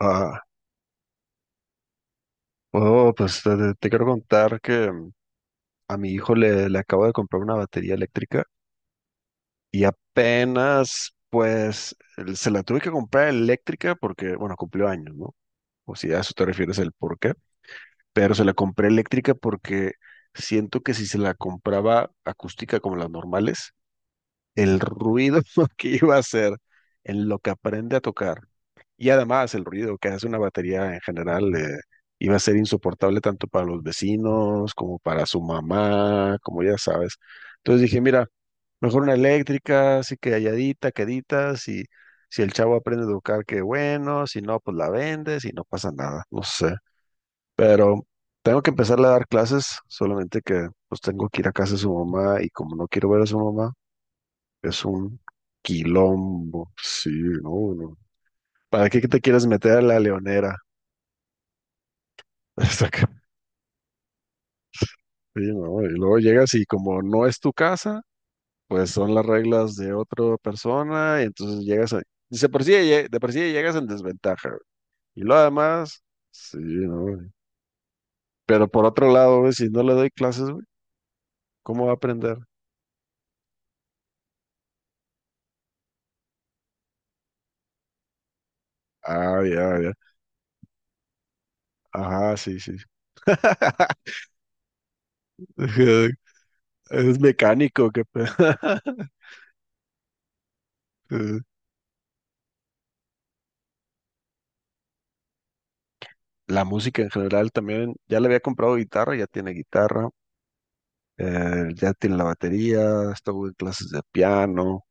Ah, oh, pues te quiero contar que a mi hijo le acabo de comprar una batería eléctrica y apenas, pues, se la tuve que comprar eléctrica porque, bueno, cumplió años, ¿no? O si a eso te refieres el por qué, pero se la compré eléctrica porque siento que si se la compraba acústica como las normales, el ruido que iba a hacer en lo que aprende a tocar. Y además el ruido que hace una batería en general iba a ser insoportable tanto para los vecinos como para su mamá, como ya sabes. Entonces dije, mira, mejor una eléctrica, así que halladita, quedita, si el chavo aprende a tocar, qué bueno, si no, pues la vendes y no pasa nada, no sé. Pero tengo que empezarle a dar clases, solamente que pues tengo que ir a casa de su mamá y como no quiero ver a su mamá, es un quilombo, sí, no, no. ¿Para qué te quieres meter a la leonera? Está ca- Sí, no, y luego llegas y como no es tu casa, pues son las reglas de otra persona, y entonces llegas a. Dice, por sí, de por sí ya llegas en desventaja, güey. Y lo además, sí, no, güey. Pero por otro lado, güey, si no le doy clases, güey, ¿cómo va a aprender? Ah, ya, ya. Ajá, sí, sí. Es mecánico, qué pedo. La música en general también, ya le había comprado guitarra, ya tiene la batería, estuvo en clases de piano,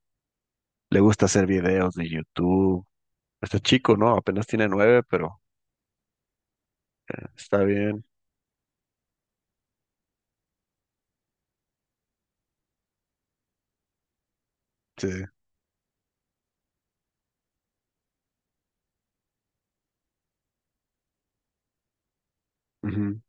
le gusta hacer videos de YouTube. Está chico, ¿no? Apenas tiene nueve, pero está bien. Sí. Ujú.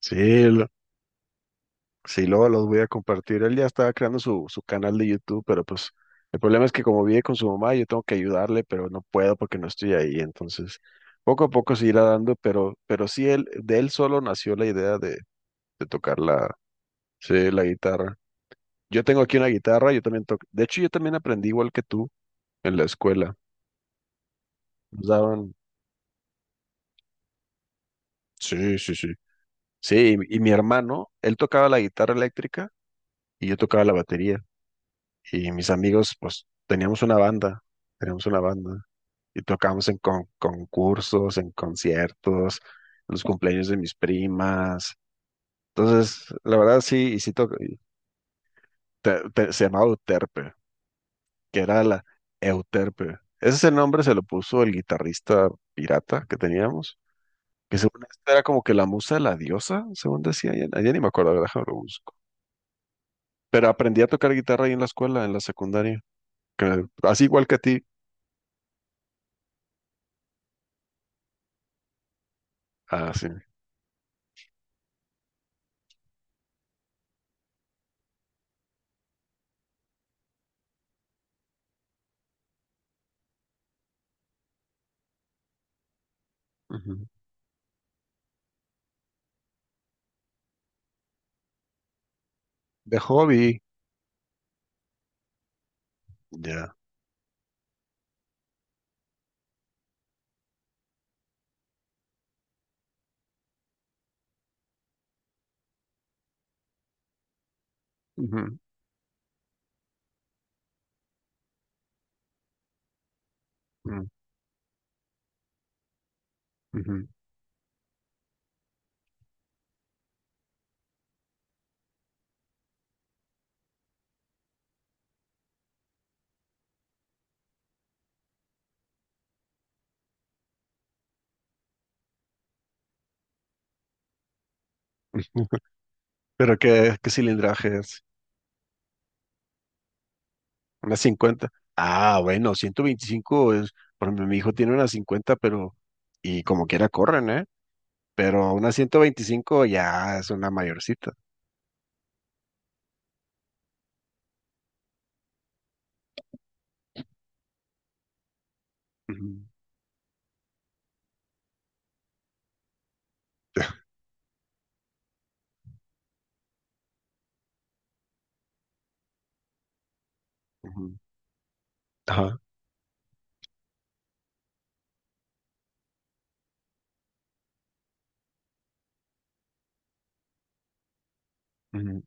Sí, lo- sí, luego los voy a compartir. Él ya estaba creando su canal de YouTube, pero pues el problema es que como vive con su mamá, yo tengo que ayudarle, pero no puedo porque no estoy ahí. Entonces, poco a poco se irá dando, pero sí, él, de él solo nació la idea de tocar la. Sí, la guitarra. Yo tengo aquí una guitarra, yo también toco. De hecho, yo también aprendí igual que tú en la escuela. Nos daban. Sí, sí, sí. Sí, y mi hermano, él tocaba la guitarra eléctrica y yo tocaba la batería. Y mis amigos, pues, teníamos una banda, teníamos una banda. Y tocábamos en concursos, en conciertos, en los cumpleaños de mis primas. Entonces, la verdad sí, y sí toca. Y se llamaba Uterpe. Que era la Euterpe. Ese es el nombre se lo puso el guitarrista pirata que teníamos, que según esto era como que la musa de la diosa, según decía, ya, ya ni me acuerdo, a ver, déjame lo busco. Pero aprendí a tocar guitarra ahí en la escuela, en la secundaria, así igual que a ti. Ah, sí. Ujú. De hobby, ya. Ujú, ujú, ujú. Pero qué cilindraje es, una 50. Ah, bueno, 125 es, por ejemplo, mi hijo tiene una 50, pero y como quiera corren, ¿eh? Pero una 125 ya es una mayorcita. Ujú, ujú, ajá. Ujú.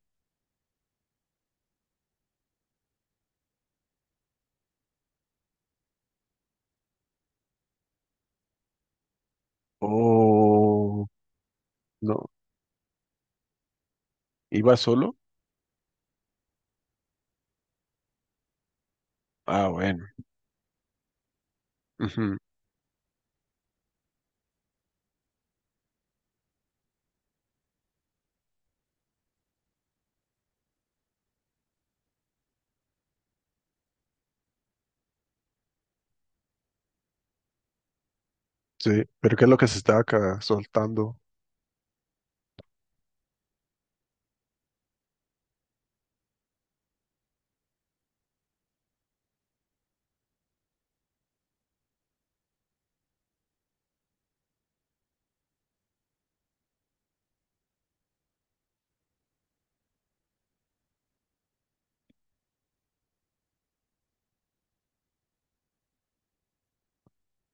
Oh, no. ¿Iba solo? Ah, bueno. Ujú. Sí, pero ¿qué es lo que se estaba acá soltando?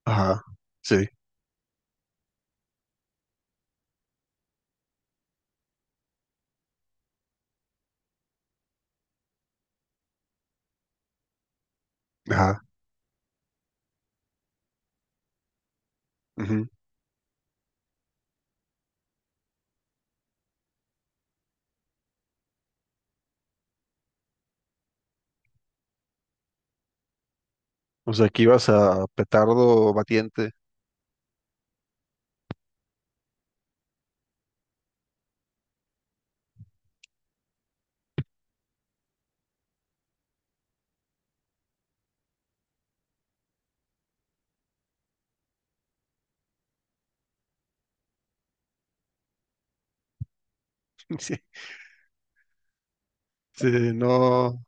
Ajá, sí, ajá. Ujú. O sea, que ibas a petardo batiente. Sí, sí, no.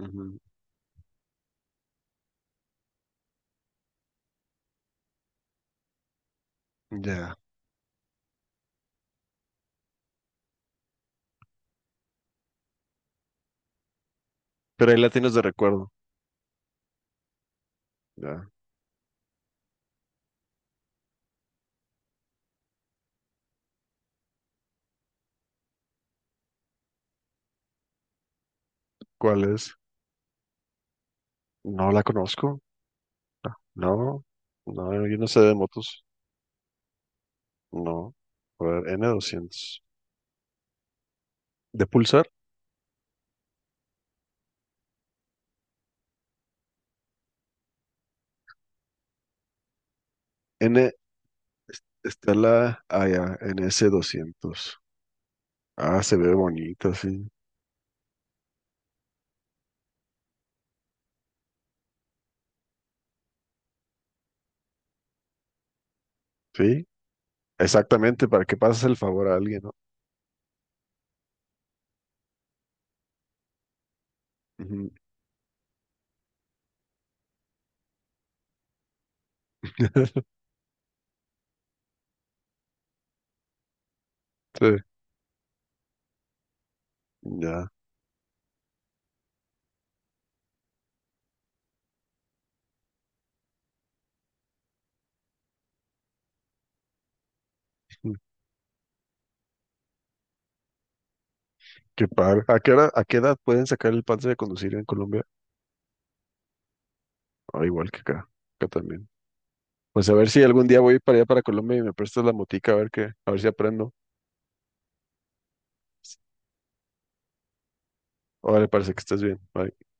Ujú. Ya. Pero ahí la tienes de recuerdo. Ya. ¿Cuál es? No la conozco. No, no, yo no sé de motos. No. A ver, N200. De Pulsar. N está la, ah, ya, NS200. Ah, se ve bonita, sí. Sí, exactamente, para que pases el favor a alguien, ¿no? Ujú. Sí, ya. Qué padre. ¿A qué hora, a qué edad pueden sacar el pase de conducir en Colombia? Ah, igual que acá, acá también. Pues a ver si algún día voy para allá para Colombia y me prestas la motica a ver qué, a ver si aprendo. Órale, parece que estés bien. Bye.